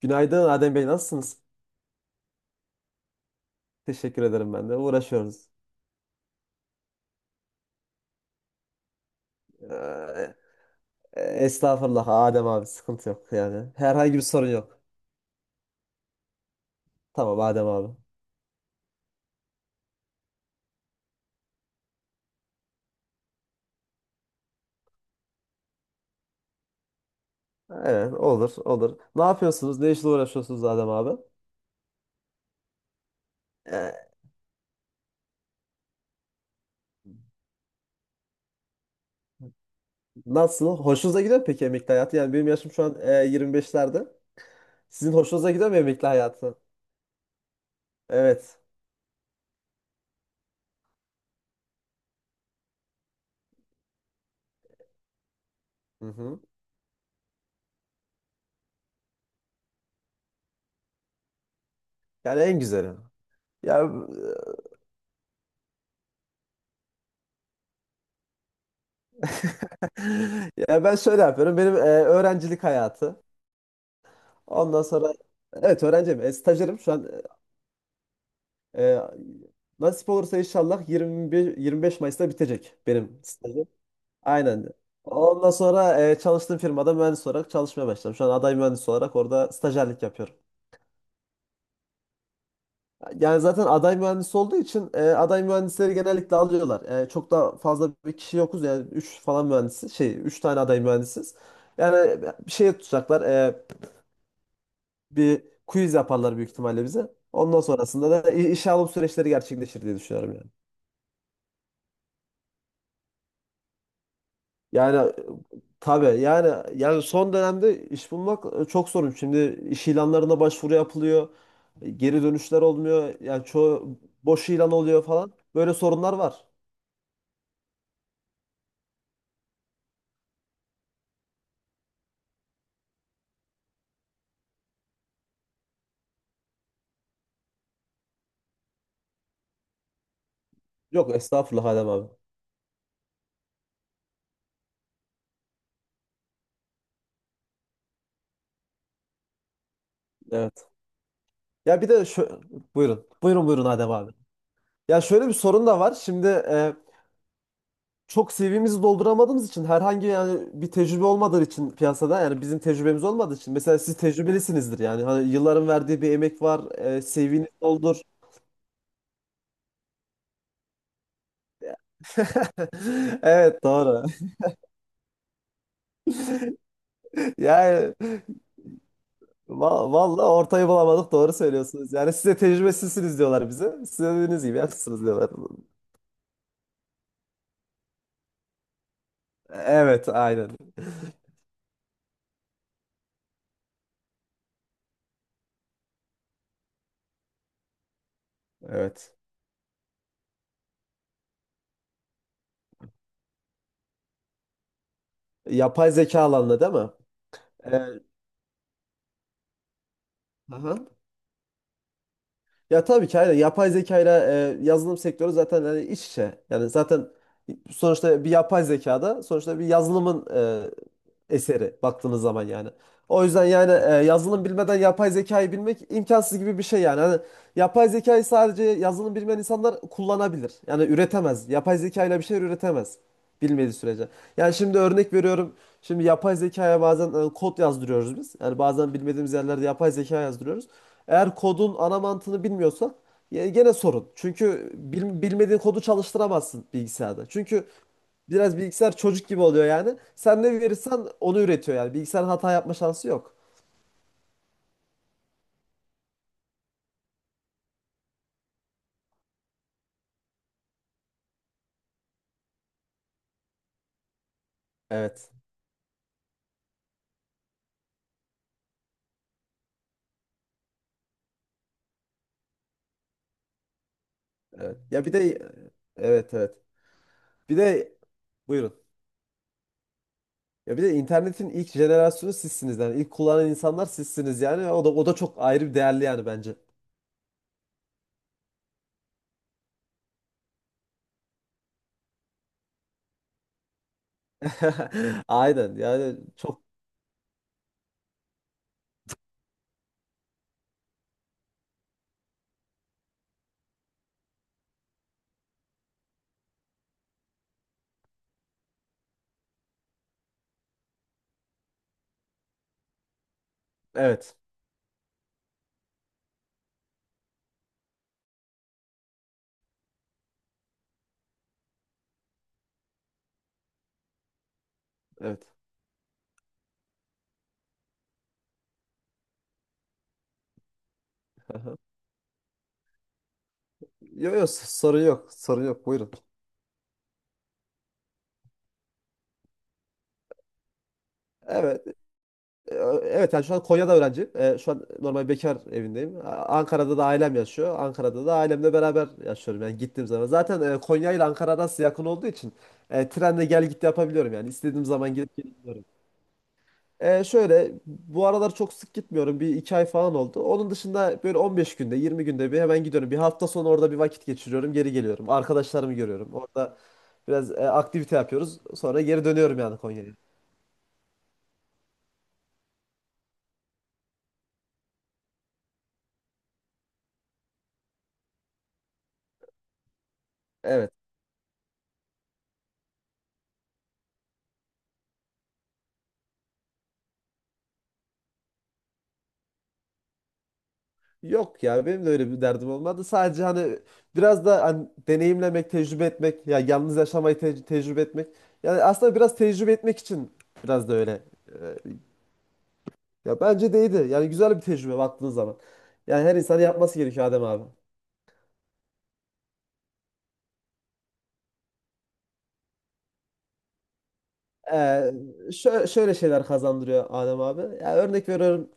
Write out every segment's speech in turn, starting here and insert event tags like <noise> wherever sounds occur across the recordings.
Günaydın Adem Bey nasılsınız? Teşekkür ederim ben de. Uğraşıyoruz. Ee, estağfurullah Adem abi sıkıntı yok yani. Herhangi bir sorun yok. Tamam Adem abi. Evet olur olur. Ne yapıyorsunuz? Ne işle uğraşıyorsunuz Adem abi? Ee, nasıl? Hoşunuza gidiyor mu peki emekli hayatı? Yani benim yaşım şu an 25'lerde. Sizin hoşunuza gidiyor mu emekli hayatı? Evet. Hı hı. Yani en güzeli. Ya, <laughs> ya ben şöyle yapıyorum. Benim öğrencilik hayatı. Ondan sonra evet öğrenciyim. Stajyerim şu an e, nasip olursa inşallah 21 25 Mayıs'ta bitecek benim stajım. Aynen. Ondan sonra çalıştığım firmada mühendis olarak çalışmaya başladım. Şu an aday mühendis olarak orada stajyerlik yapıyorum. Yani zaten aday mühendis olduğu için aday mühendisleri genellikle alıyorlar. Çok da fazla bir kişi yokuz yani 3 falan mühendisiz. Şey 3 tane aday mühendisiz. Yani bir şey tutacaklar. Bir quiz yaparlar büyük ihtimalle bize. Ondan sonrasında da işe alım süreçleri gerçekleşir diye düşünüyorum yani. Yani tabii yani son dönemde iş bulmak çok sorun. Şimdi iş ilanlarına başvuru yapılıyor. Geri dönüşler olmuyor. Yani çoğu boş ilan oluyor falan. Böyle sorunlar var. Yok estağfurullah Adem abi. Evet. Ya bir de şu buyurun. Buyurun buyurun Adem abi. Ya şöyle bir sorun da var. Şimdi çok CV'mizi dolduramadığımız için herhangi yani bir tecrübe olmadığı için piyasada yani bizim tecrübemiz olmadığı için mesela siz tecrübelisinizdir yani hani yılların verdiği bir emek var CV'ni doldur. <laughs> Evet doğru. <laughs> Yani vallahi ortayı bulamadık doğru söylüyorsunuz. Yani size tecrübesizsiniz diyorlar bize. Siz de dediğiniz gibi yapmışsınız diyorlar. Evet aynen. Evet. Yapay zeka alanında değil mi? Ee, aha. Ya tabii ki aynen. Yapay zekayla yazılım sektörü zaten hani iç içe. Yani zaten sonuçta bir yapay zekada sonuçta bir yazılımın eseri baktığınız zaman yani. O yüzden yani yazılım bilmeden yapay zekayı bilmek imkansız gibi bir şey yani. Hani yapay zekayı sadece yazılım bilmeyen insanlar kullanabilir. Yani üretemez. Yapay zekayla bir şey üretemez bilmediği sürece. Yani şimdi örnek veriyorum. Şimdi yapay zekaya bazen kod yazdırıyoruz biz. Yani bazen bilmediğimiz yerlerde yapay zeka yazdırıyoruz. Eğer kodun ana mantığını bilmiyorsan gene sorun. Çünkü bilmediğin kodu çalıştıramazsın bilgisayarda. Çünkü biraz bilgisayar çocuk gibi oluyor yani. Sen ne verirsen onu üretiyor yani. Bilgisayarın hata yapma şansı yok. Evet. Evet. Ya bir de evet evet. Bir de buyurun. Ya bir de internetin ilk jenerasyonu sizsiniz yani. İlk kullanan insanlar sizsiniz yani. O da o da çok ayrı bir değerli yani bence. <laughs> Aynen yani çok evet. Evet. Yok yok sorun yok. Sorun yok. Buyurun. Evet. E, Evet yani şu an Konya'da öğrenciyim. Şu an normal bekar evindeyim. Ankara'da da ailem yaşıyor. Ankara'da da ailemle beraber yaşıyorum yani gittiğim zaman. Zaten Konya ile Ankara arası yakın olduğu için trenle gel git yapabiliyorum yani. İstediğim zaman gidip gelebiliyorum. Şöyle bu aralar çok sık gitmiyorum. Bir iki ay falan oldu. Onun dışında böyle 15 günde 20 günde bir hemen gidiyorum. Bir hafta sonu orada bir vakit geçiriyorum. Geri geliyorum. Arkadaşlarımı görüyorum. Orada biraz aktivite yapıyoruz. Sonra geri dönüyorum yani Konya'ya. Evet. Yok ya benim de öyle bir derdim olmadı. Sadece hani biraz da hani deneyimlemek, tecrübe etmek, ya yalnız yaşamayı tecrübe etmek. Yani aslında biraz tecrübe etmek için biraz da öyle. e, Ya bence de, yani güzel bir tecrübe baktığın zaman. Yani her insanın yapması gerekiyor Adem abi. Ee, şöyle şeyler kazandırıyor Adem abi. Ya örnek veriyorum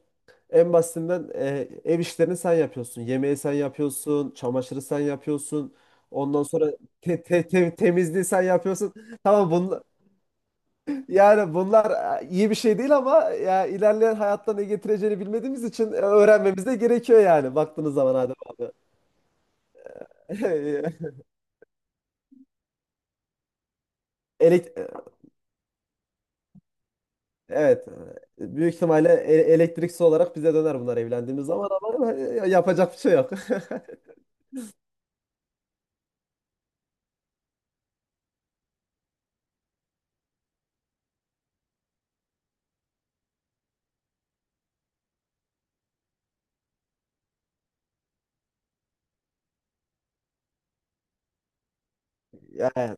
en basitinden ev işlerini sen yapıyorsun. Yemeği sen yapıyorsun, çamaşırı sen yapıyorsun. Ondan sonra temizliği sen yapıyorsun. <laughs> Tamam bunu, yani bunlar iyi bir şey değil ama ya ilerleyen hayatta ne getireceğini bilmediğimiz için öğrenmemiz de gerekiyor yani baktığınız zaman Adem abi. <laughs> Elek e, evet, büyük ihtimalle elektriksi olarak bize döner bunlar evlendiğimiz zaman ama yapacak bir şey yok. <laughs> Yani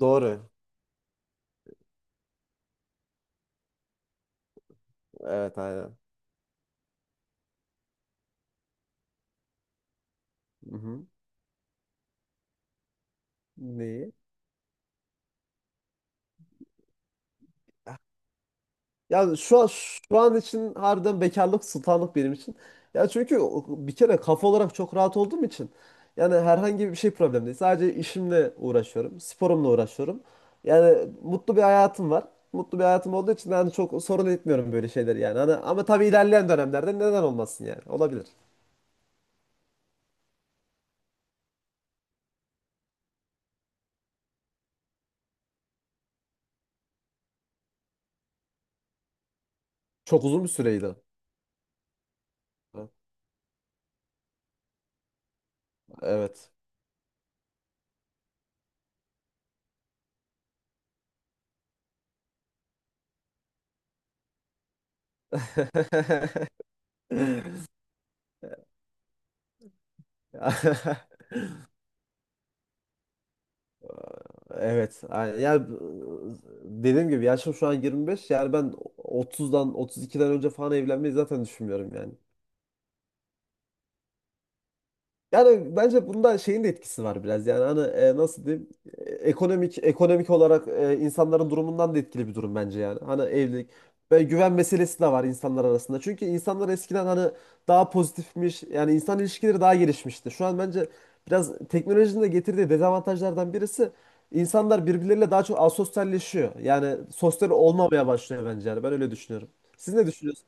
doğru. Evet aynen. Hı-hı. Neyi? Yani şu an için harbiden bekarlık sultanlık benim için. Ya çünkü bir kere kafa olarak çok rahat olduğum için yani herhangi bir şey problem değil. Sadece işimle uğraşıyorum, sporumla uğraşıyorum. Yani mutlu bir hayatım var. Mutlu bir hayatım olduğu için yani çok sorun etmiyorum böyle şeyleri yani. Hani, ama tabii ilerleyen dönemlerde neden olmasın yani? Olabilir. Çok uzun bir süreydi. Evet. <laughs> Evet. Yani, ya dediğim gibi yaşım şu an 25. Yani ben 30'dan 32'den önce falan evlenmeyi zaten düşünmüyorum yani. Yani bence bunda şeyin de etkisi var biraz. Yani hani nasıl diyeyim? Ekonomik olarak insanların durumundan da etkili bir durum bence yani. Hani evlilik ve güven meselesi de var insanlar arasında. Çünkü insanlar eskiden hani daha pozitifmiş. Yani insan ilişkileri daha gelişmişti. Şu an bence biraz teknolojinin de getirdiği dezavantajlardan birisi insanlar birbirleriyle daha çok asosyalleşiyor. Yani sosyal olmamaya başlıyor bence yani. Ben öyle düşünüyorum. Siz ne düşünüyorsunuz?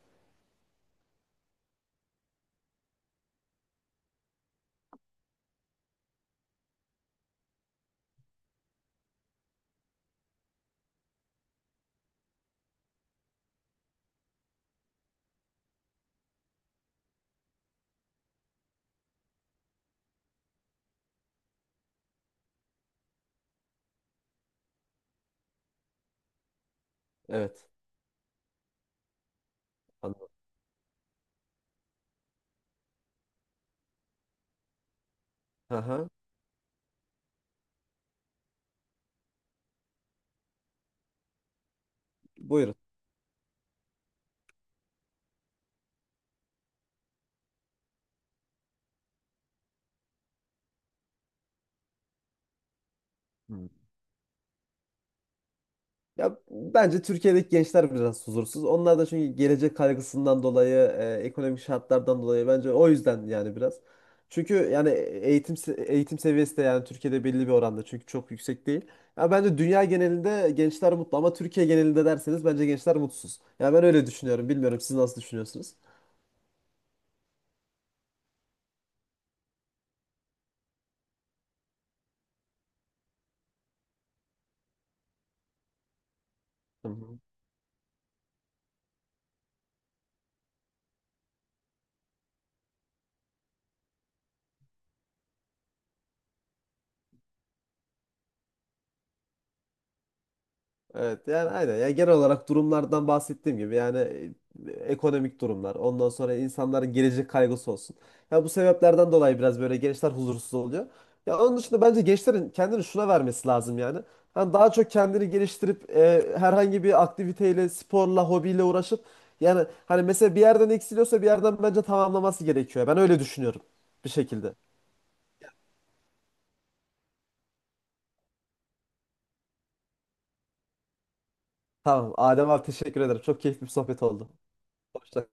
Evet. Anladım. Aha. Buyurun. Ya bence Türkiye'deki gençler biraz huzursuz. Onlar da çünkü gelecek kaygısından dolayı, ekonomik şartlardan dolayı bence o yüzden yani biraz. Çünkü yani eğitim eğitim seviyesi de yani Türkiye'de belli bir oranda çünkü çok yüksek değil. Ya bence dünya genelinde gençler mutlu ama Türkiye genelinde derseniz bence gençler mutsuz. Ya ben öyle düşünüyorum. Bilmiyorum siz nasıl düşünüyorsunuz? Hı hı. Evet yani aynen. Yani genel olarak durumlardan bahsettiğim gibi yani ekonomik durumlar, ondan sonra insanların gelecek kaygısı olsun. Ya bu sebeplerden dolayı biraz böyle gençler huzursuz oluyor. Ya onun dışında bence gençlerin kendini şuna vermesi lazım yani. Hani daha çok kendini geliştirip herhangi bir aktiviteyle, sporla, hobiyle uğraşıp yani hani mesela bir yerden eksiliyorsa bir yerden bence tamamlaması gerekiyor. Ben öyle düşünüyorum bir şekilde. Tamam Adem abi teşekkür ederim. Çok keyifli bir sohbet oldu. Hoşça kal.